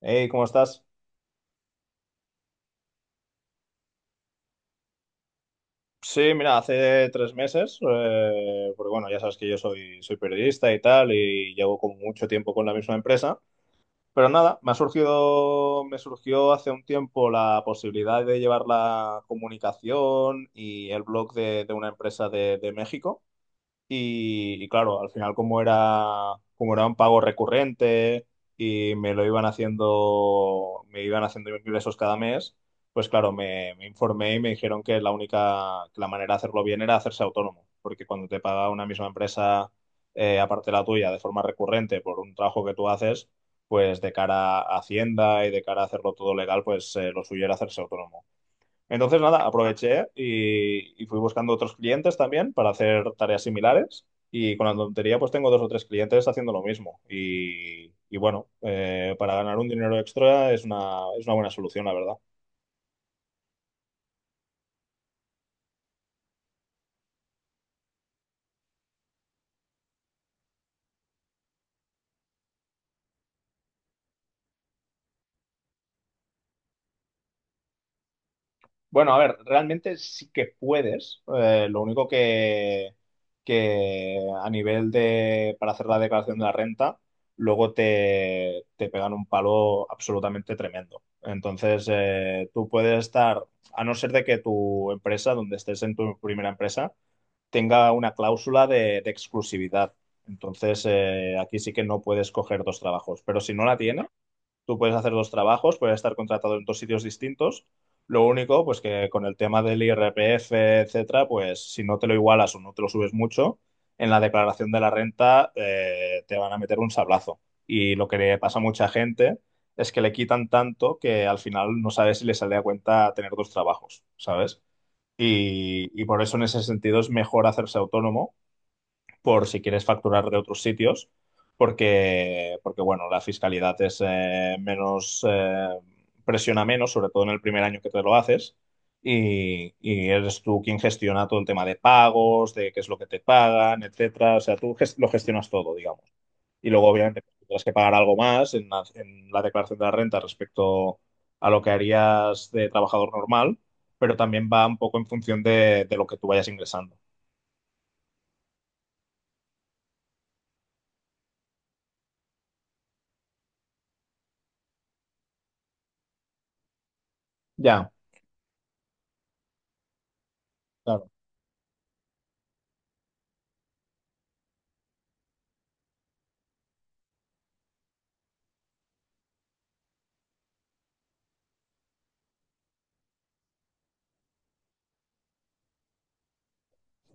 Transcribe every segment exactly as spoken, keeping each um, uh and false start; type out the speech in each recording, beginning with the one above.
Hey, ¿cómo estás? Sí, mira, hace tres meses, eh, porque bueno, ya sabes que yo soy, soy periodista y tal, y llevo como mucho tiempo con la misma empresa, pero nada, me ha surgido, me surgió hace un tiempo la posibilidad de llevar la comunicación y el blog de, de una empresa de, de México. Y, y claro, al final como era, como era un pago recurrente y me lo iban haciendo, me iban haciendo ingresos cada mes, pues claro, me, me informé y me dijeron que la única, que la manera de hacerlo bien era hacerse autónomo, porque cuando te paga una misma empresa, eh, aparte de la tuya, de forma recurrente por un trabajo que tú haces, pues de cara a Hacienda y de cara a hacerlo todo legal, pues eh, lo suyo era hacerse autónomo. Entonces, nada, aproveché y, y fui buscando otros clientes también para hacer tareas similares. Y con la tontería, pues tengo dos o tres clientes haciendo lo mismo. Y, y bueno, eh, para ganar un dinero extra es una, es una buena solución, la verdad. Bueno, a ver, realmente sí que puedes. eh, lo único que, que a nivel de, para hacer la declaración de la renta, luego te, te pegan un palo absolutamente tremendo. Entonces, eh, tú puedes estar, a no ser de que tu empresa, donde estés en tu primera empresa, tenga una cláusula de, de exclusividad. Entonces, eh, aquí sí que no puedes coger dos trabajos. Pero si no la Tú puedes hacer dos trabajos, puedes estar contratado en dos sitios distintos. Lo único, pues que con el tema del I R P F, etcétera, pues si no te lo igualas o no te lo subes mucho, en la declaración de la renta eh, te van a meter un sablazo. Y lo que le pasa a mucha gente es que le quitan tanto que al final no sabes si le sale a cuenta tener dos trabajos, ¿sabes? Y, y por eso en ese sentido es mejor hacerse autónomo por si quieres facturar de otros sitios, porque, porque bueno, la fiscalidad es eh, menos, eh, presiona menos, sobre todo en el primer año que te lo haces, y, y eres tú quien gestiona todo el tema de pagos, de qué es lo que te pagan, etcétera. O sea, tú ges- lo gestionas todo, digamos. Y luego, obviamente, pues, tendrás que pagar algo más en la, en la declaración de la renta respecto a lo que harías de trabajador normal, pero también va un poco en función de, de lo que tú vayas ingresando. Ya, claro.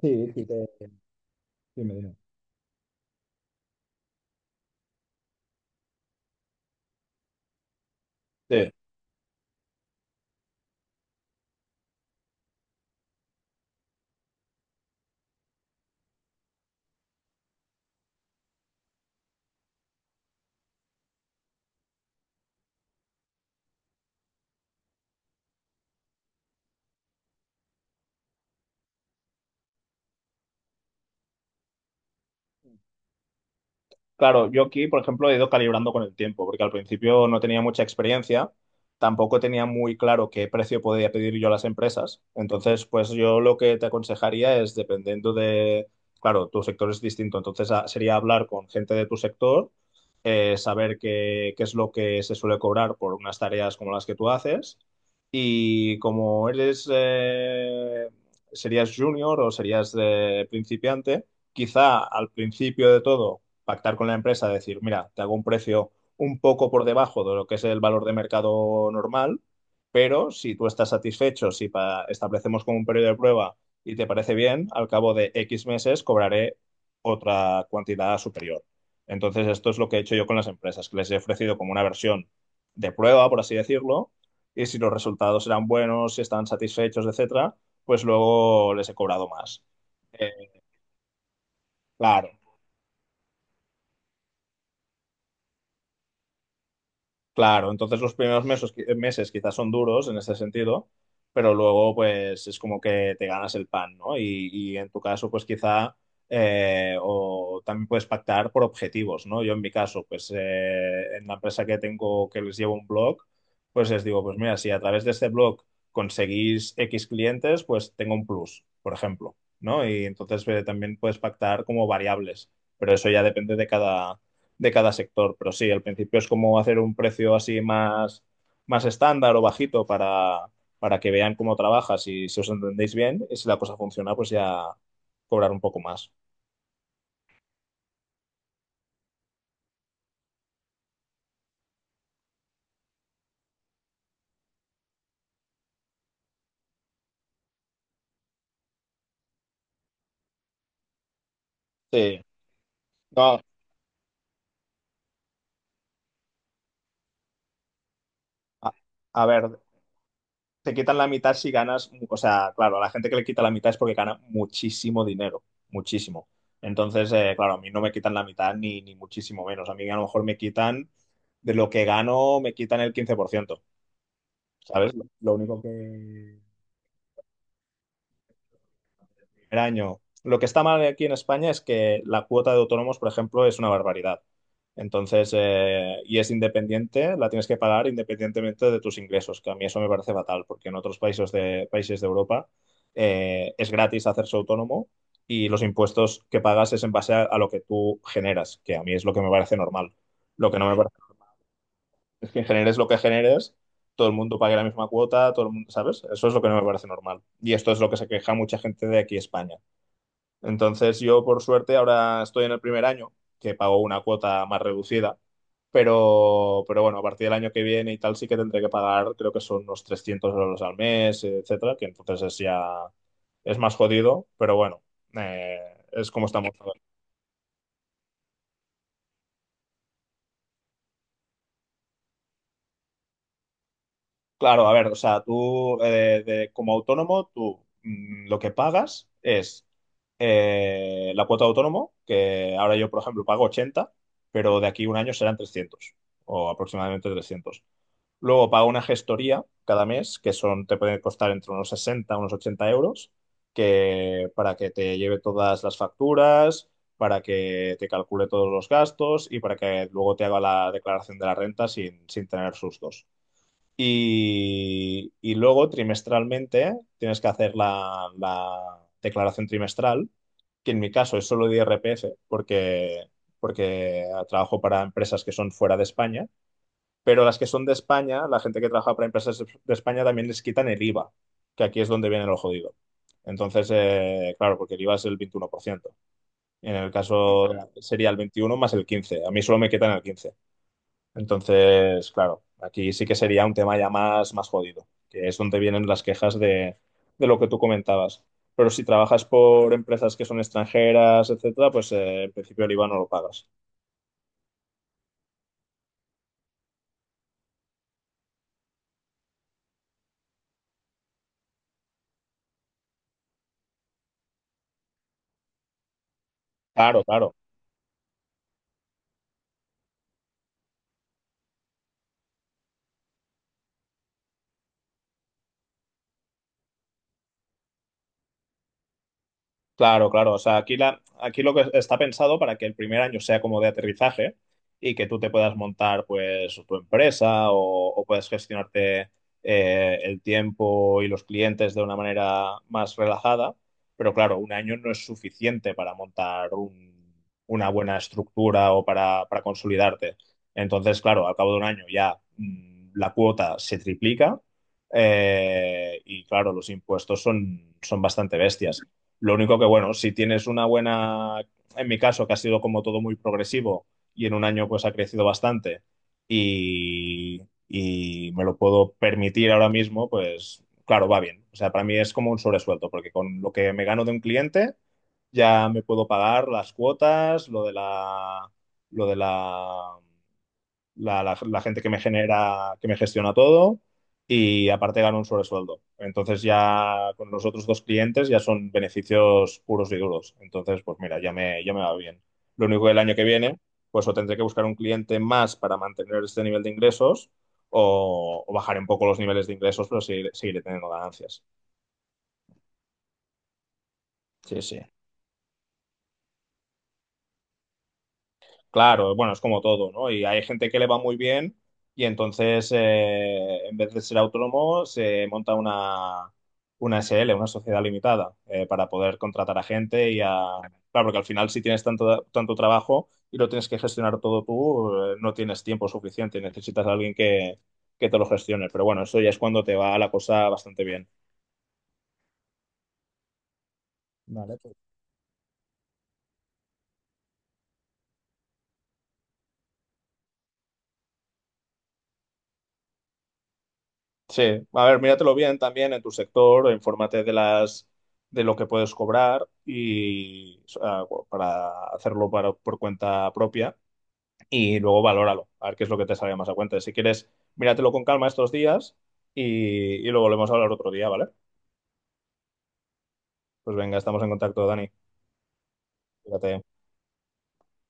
Sí, sí, sí, miren. Sí. Claro, yo aquí, por ejemplo, he ido calibrando con el tiempo, porque al principio no tenía mucha experiencia, tampoco tenía muy claro qué precio podía pedir yo a las empresas. Entonces, pues yo lo que te aconsejaría es, dependiendo de, claro, tu sector es distinto, entonces ah, sería hablar con gente de tu sector, eh, saber qué, qué es lo que se suele cobrar por unas tareas como las que tú haces. Y como eres, eh, serías junior o serías eh, principiante, quizá al principio de todo pactar con la empresa, decir, mira, te hago un precio un poco por debajo de lo que es el valor de mercado normal, pero si tú estás satisfecho, si pa- establecemos como un periodo de prueba y te parece bien, al cabo de X meses cobraré otra cantidad superior. Entonces, esto es lo que he hecho yo con las empresas, que les he ofrecido como una versión de prueba, por así decirlo, y si los resultados eran buenos, si estaban satisfechos, etcétera, pues luego les he cobrado más. Eh, claro, Claro, entonces los primeros meses, meses quizás son duros en ese sentido, pero luego pues es como que te ganas el pan, ¿no? Y, y en tu caso pues quizá eh, o también puedes pactar por objetivos, ¿no? Yo en mi caso pues eh, en la empresa que tengo que les llevo un blog, pues les digo pues mira, si a través de este blog conseguís X clientes, pues tengo un plus, por ejemplo, ¿no? Y entonces eh, también puedes pactar como variables, pero eso ya depende de cada de cada sector. Pero sí, al principio es como hacer un precio así más, más estándar o bajito para, para que vean cómo trabajas y si os entendéis bien y si la cosa funciona, pues ya cobrar un poco más. Sí, no, a, a ver, te quitan la mitad si ganas, o sea, claro, a la gente que le quita la mitad es porque gana muchísimo dinero, muchísimo. Entonces, eh, claro, a mí no me quitan la mitad ni, ni muchísimo menos. A mí a lo mejor me quitan, de lo que gano, me quitan el quince por ciento, ¿sabes? Lo único que, primer año. Lo que está mal aquí en España es que la cuota de autónomos, por ejemplo, es una barbaridad. Entonces, eh, y es independiente, la tienes que pagar independientemente de tus ingresos, que a mí eso me parece fatal, porque en otros países de, países de Europa eh, es gratis hacerse autónomo y los impuestos que pagas es en base a, a lo que tú generas, que a mí es lo que me parece normal. Lo que no me parece es que generes lo que generes, todo el mundo pague la misma cuota, todo el mundo, ¿sabes? Eso es lo que no me parece normal. Y esto es lo que se queja mucha gente de aquí, España. Entonces yo, por suerte, ahora estoy en el primer año, que pago una cuota más reducida, pero, pero bueno, a partir del año que viene y tal sí que tendré que pagar, creo que son unos trescientos euros al mes, etcétera, que entonces es ya, es más jodido, pero bueno, eh, es como estamos ahora. Claro, a ver, o sea, tú eh, de- como autónomo, tú mm, lo que pagas es eh, la cuota de autónomo, que ahora yo, por ejemplo, pago ochenta pero de aquí a un año serán trescientos o aproximadamente trescientos. Luego pago una gestoría cada mes, que son, te puede costar entre unos sesenta unos ochenta euros, que, para que te lleve todas las facturas, para que te calcule todos los gastos y para que luego te haga la declaración de la renta sin, sin tener sustos. Y, y luego trimestralmente tienes que hacer la, la declaración trimestral, que en mi caso es solo de I R P F, porque, porque trabajo para empresas que son fuera de España pero las que son de España, la gente que trabaja para empresas de España también les quitan el IVA, que aquí es donde viene lo jodido. Entonces, eh, claro, porque el IVA es el veintiuno por ciento. En el caso sería el veintiuno más el quince. A mí solo me quitan el quince. Entonces, claro, aquí sí que sería un tema ya más, más jodido, que es donde vienen las quejas de, de lo que tú comentabas. Pero si trabajas por empresas que son extranjeras, etcétera, pues eh, en principio el IVA no lo pagas. Claro, claro. Claro, claro. O sea, aquí, la, aquí lo que está pensado para que el primer año sea como de aterrizaje y que tú te puedas montar pues tu empresa o, o puedas gestionarte eh, el tiempo y los clientes de una manera más relajada. Pero claro, un año no es suficiente para montar un- una buena estructura o para, para consolidarte. Entonces, claro, al cabo de un año ya mm, la cuota se triplica eh, y claro, los impuestos son, son bastante bestias. Lo único que, bueno, si tienes una buena, en mi caso, que ha sido como todo muy progresivo y en un año pues ha crecido bastante y, y me lo puedo permitir ahora mismo, pues claro, va bien. O sea, para mí es como un sobresuelto, porque con lo que me gano de un cliente ya me puedo pagar las cuotas, lo de la, lo de la la, la- la gente que me genera, que me gestiona todo y aparte gano un sobresueldo. Entonces ya con los otros dos clientes ya son beneficios puros y duros. Entonces, pues mira, ya me, ya me va bien. Lo único que el año que viene, pues o tendré que buscar un cliente más para mantener este nivel de ingresos o, o bajaré un poco los niveles de ingresos, pero seguiré, seguiré teniendo ganancias. Sí, sí. Claro, bueno, es como todo, ¿no? Y hay gente que le va muy bien y entonces, eh, en vez de ser autónomo, se monta una, una S L, una sociedad limitada, eh, para poder contratar a gente y a... Claro, porque al final si tienes tanto, tanto trabajo y lo tienes que gestionar todo tú, eh, no tienes tiempo suficiente y necesitas a alguien que, que te lo gestione. Pero bueno, eso ya es cuando te va la cosa bastante bien. Vale, pues sí, a ver, míratelo bien también en tu sector, infórmate de las de lo que puedes cobrar y o sea, para hacerlo para- por cuenta propia y luego valóralo, a ver qué es lo que te sale más a cuenta. Si quieres, míratelo con calma estos días y, y lo volvemos a hablar otro día, ¿vale? Pues venga, estamos en contacto, Dani. Cuídate.